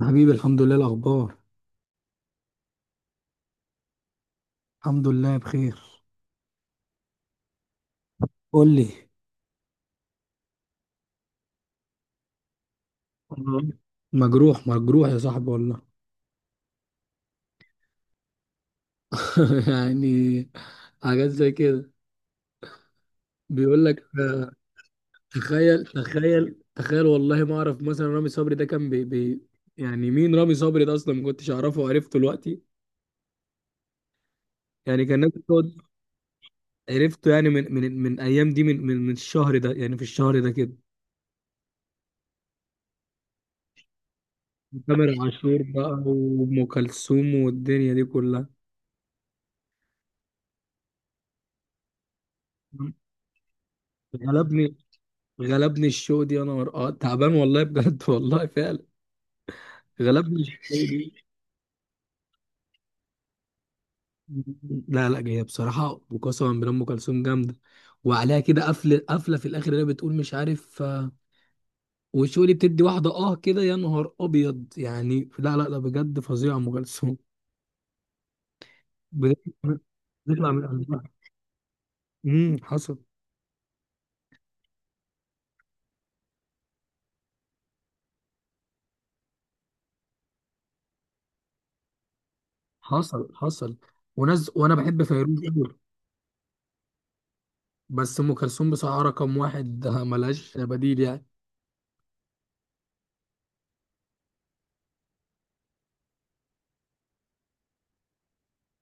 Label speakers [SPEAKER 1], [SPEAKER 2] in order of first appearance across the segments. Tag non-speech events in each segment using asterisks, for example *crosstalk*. [SPEAKER 1] حبيبي، الحمد لله الأخبار. الحمد لله بخير. قول لي. تمام. مجروح مجروح يا صاحبي والله. *laughs* يعني حاجات زي كده. بيقول لك آه، تخيل تخيل تخيل والله ما أعرف. مثلا رامي صبري ده كان بي بي يعني مين رامي صبري ده أصلا؟ ما كنتش أعرفه وعرفته دلوقتي. يعني كان الناس بتقعد. عرفته يعني من أيام دي، من الشهر ده، يعني في الشهر ده كده. تامر عاشور بقى وأم كلثوم والدنيا دي كلها. غلبني، غلبني الشو دي، يا نهار اه. تعبان والله بجد. *laughs* والله فعلا غلبني الشو دي. *laughs* لا لا، جايه بصراحه، وقسما بالله ام كلثوم جامده. وعليها كده قفله قفله في الاخر، اللي هي بتقول مش عارف آه، والشو دي بتدي واحده اه كده، يا نهار ابيض. يعني لا لا لا بجد فظيعه ام كلثوم، بجد. بتطلع من قلبها. حصل حصل حصل. وناس، وانا بحب فيروز قوي، بس ام كلثوم بصراحه رقم واحد آه، ملهاش بديل يعني.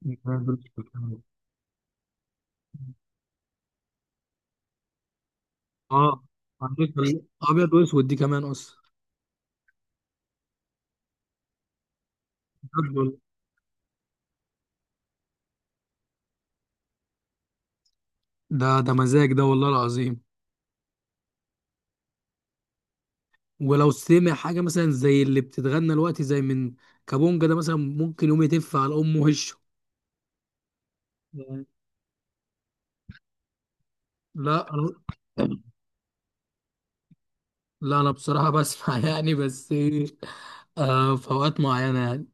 [SPEAKER 1] *laughs* اه، عندك ابيض واسود دي كمان اصلا. بجد والله. ده ده مزاج ده والله العظيم. ولو سمع حاجه مثلا زي اللي بتتغنى دلوقتي زي من كابونجا ده مثلا، ممكن يقوم يتف على امه وشه يعني. لا أنا- *laughs* لا انا بصراحه بسمع، *laughs* يعني بس آه في اوقات معينه يعني.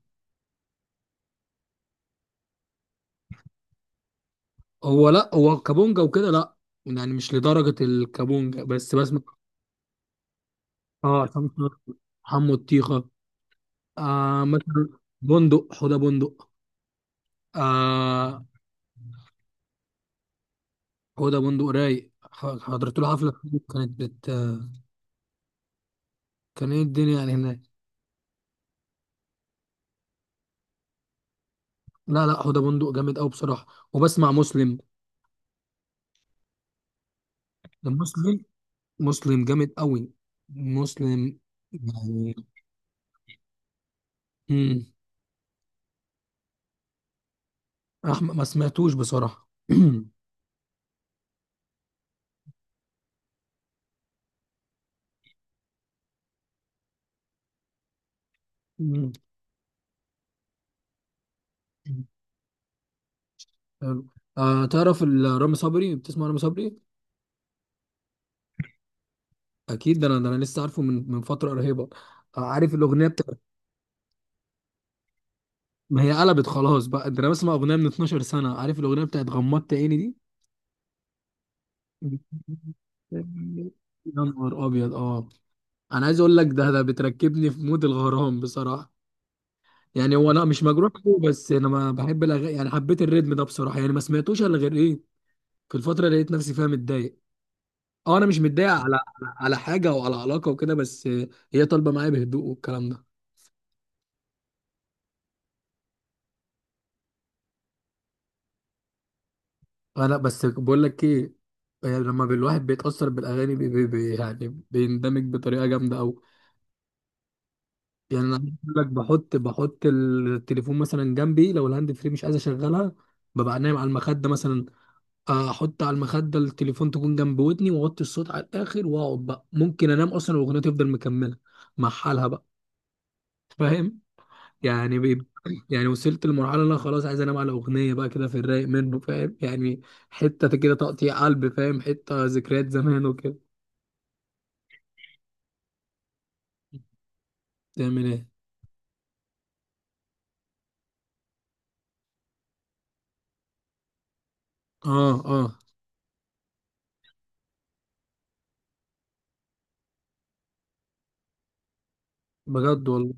[SPEAKER 1] هو لا، هو كابونجا وكده لا، يعني مش لدرجه الكابونجا، بس بسمع. اه، شمس، حمو الطيخه آه مثلا، بندق، حوده بندق آه. حوده بندق رايق، حضرت له حفله، كانت بت... كان ايه الدنيا يعني هناك. لا لا، حوده بندق جامد قوي بصراحه. وبسمع مسلم، مسلم، مسلم جامد قوي، مسلم يعني. امم احمد ما سمعتوش بصراحه. *clears throat* مم. حلو. آه، تعرف رامي صبري، بتسمع رامي صبري؟ اكيد، ده انا، ده انا لسه عارفه من فتره قريبه. آه عارف الاغنيه بتاعت؟ ما هي قلبت خلاص بقى. ده انا بسمع اغنيه من 12 سنه. عارف الاغنيه بتاعت غمضت عيني دي؟ يا نهار ابيض اه. انا عايز اقول لك، ده ده بتركبني في مود الغرام بصراحه. يعني هو انا مش مجروح قوي، بس انا ما بحب يعني حبيت الريتم ده بصراحه. يعني ما سمعتوش الا غير ايه في الفتره اللي لقيت نفسي فيها متضايق. اه انا مش متضايق على حاجه او على علاقه وكده، بس هي طالبه معايا بهدوء والكلام ده. انا بس بقول لك ايه. يعني لما الواحد بيتاثر بالاغاني بي بي بي يعني بيندمج بطريقه جامده قوي. يعني انا عايز اقول لك، بحط التليفون مثلا جنبي، لو الهاند فري مش عايز اشغلها، ببقى نايم على المخده مثلا، احط على المخده التليفون تكون جنب ودني، واوطي الصوت على الاخر، واقعد بقى، ممكن انام اصلا والاغنيه تفضل مكمله مع حالها بقى. فاهم يعني؟ يعني وصلت لمرحله ان انا خلاص عايز انام على اغنيه بقى كده، في الرايق منه، فاهم يعني؟ حته كده تقطيع قلب، فاهم، حته ذكريات زمان وكده. تعمل ايه؟ اه، اه، بجد والله.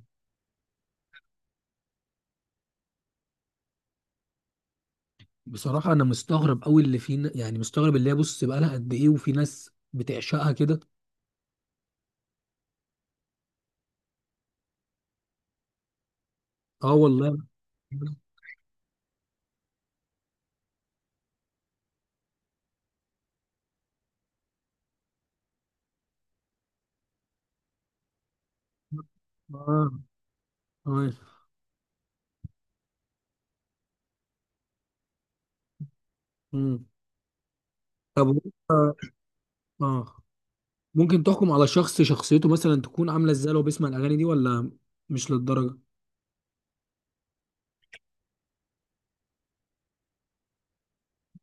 [SPEAKER 1] بصراحة أنا مستغرب أوي اللي فينا، يعني مستغرب اللي هي بص بقى لها قد إيه، وفي ناس بتعشقها كده. أه والله. آه. آه. مم. طب. آه. آه. ممكن تحكم على شخص شخصيته مثلا تكون عاملة إزاي لو بيسمع الأغاني دي ولا مش للدرجة؟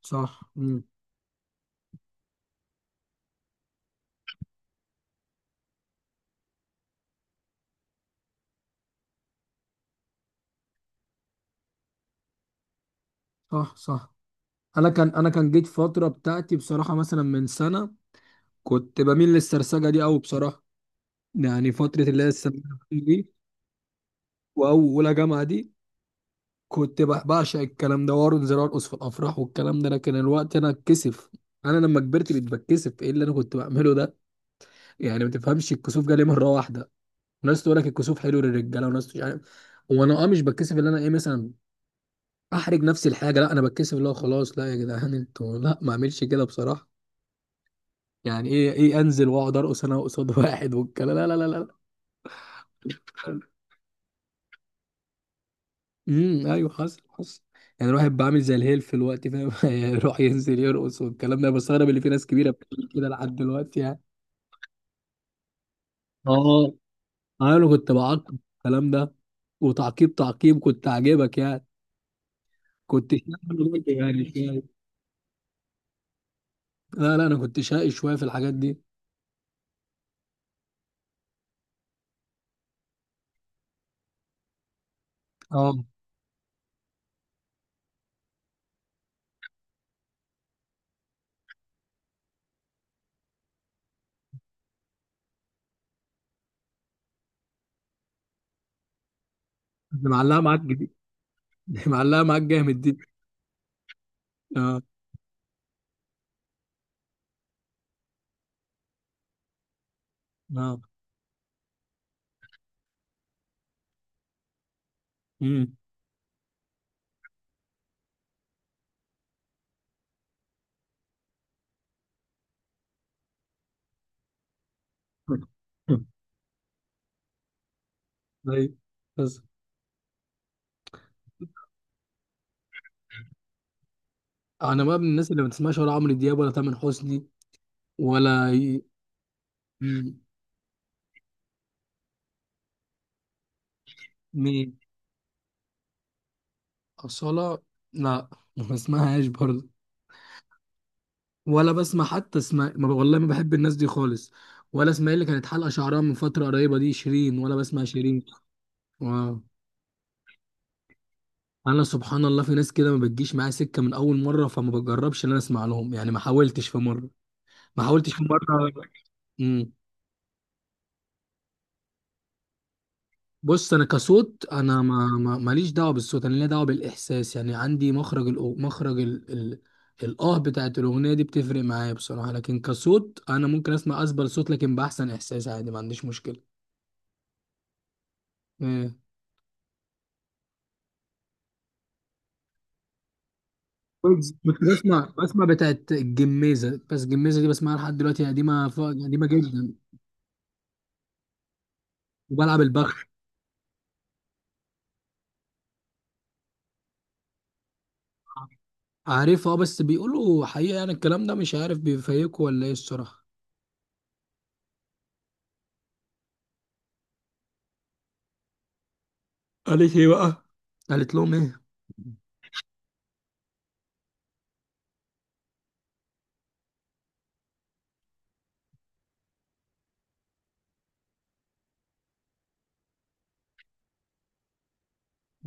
[SPEAKER 1] صح. مم. صح صح. أنا كان جيت فترة بتاعتي بصراحة مثلا من سنة، كنت بميل للسرسجة دي أوي بصراحة. يعني فترة اللي هي الثانوية دي وأولى جامعة دي، كنت بعشق الكلام ده، وارون زي ارقص في الافراح والكلام ده. لكن الوقت انا اتكسف. انا لما كبرت بقيت بتكسف ايه اللي انا كنت بعمله ده. يعني ما تفهمش، الكسوف جالي مره واحده. ناس تقول لك الكسوف حلو للرجاله، وناس مش عارف. وانا اه مش بتكسف اللي انا ايه مثلا احرج نفسي الحاجه، لا. انا بتكسف اللي هو خلاص، لا يا جدعان، انتوا لا، ما اعملش كده بصراحه. يعني ايه ايه انزل واقعد ارقص انا قصاد *laughs* واحد والكلام؟ لا لا لا، لا. ايوه، حصل حصل. يعني الواحد بعمل زي الهيل في الوقت، فاهم؟ *laughs* يروح ينزل يرقص والكلام ده. بستغرب اللي في ناس كبيره بتعمل كده لحد دلوقتي يعني. اه انا كنت بعقب الكلام ده، وتعقيب تعقيب كنت عاجبك يعني. كنت شقي برضه يعني شوية. لا لا، انا كنت شقي شويه في الحاجات دي. اه، معلقه معاك جديد. *laughs* معلقه معاك جامد دي. اه، اه، امم *laughs* طيب، بس انا بقى من الناس اللي ما بتسمعش ولا عمرو دياب ولا تامر حسني، ولا مين؟ أصالة؟ لا، ما بسمعهاش برضه. ولا بسمع حتى اسماء والله ما بحب الناس دي خالص. ولا اسماء اللي كانت حلقة شعرها من فترة قريبة دي. شيرين؟ ولا بسمع شيرين. واو. أنا سبحان الله، في ناس كده ما بتجيش معايا سكة من أول مرة، فما بجربش إن أنا أسمع لهم يعني. ما حاولتش في مرة، ما حاولتش في مرة. مم. بص، انا كصوت انا ماليش دعوه بالصوت، انا ليا دعوه بالاحساس. يعني عندي مخرج مخرج الاه بتاعت الاغنيه دي بتفرق معايا بصراحه. لكن كصوت انا ممكن اسمع اسبل صوت لكن باحسن احساس، عادي، ما عنديش مشكله. إيه. كنت بسمع بتاعت الجميزه. بس الجميزه دي بسمعها لحد دلوقتي، قديمه قديمه جدا. وبلعب البخ. عارفها آه، بس بيقولوا حقيقه يعني الكلام ده، مش عارف بيفيقوا ولا ايه الصراحه. قالت ايه بقى؟ قالت لهم ايه؟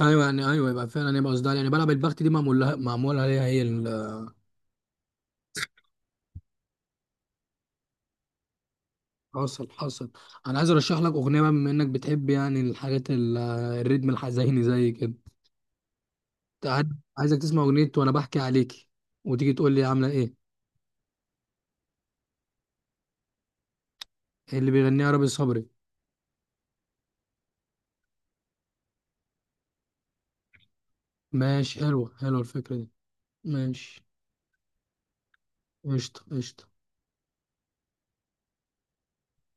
[SPEAKER 1] ايوه، يعني ايوه، يبقى فعلا، يبقى قصدها يعني بلعب البخت دي معمول لها، معمول عليها هي حصل حصل. انا عايز ارشح لك اغنيه بقى، بما انك بتحب يعني الحاجات الريتم الحزيني زي كده. أنت عايز- عايزك تسمع اغنيه وانا بحكي عليكي، وتيجي تقول لي عامله ايه. إيه؟ اللي بيغنيها رامي صبري. ماشي، حلوه حلوه الفكره دي، ماشي. قشطه قشطه.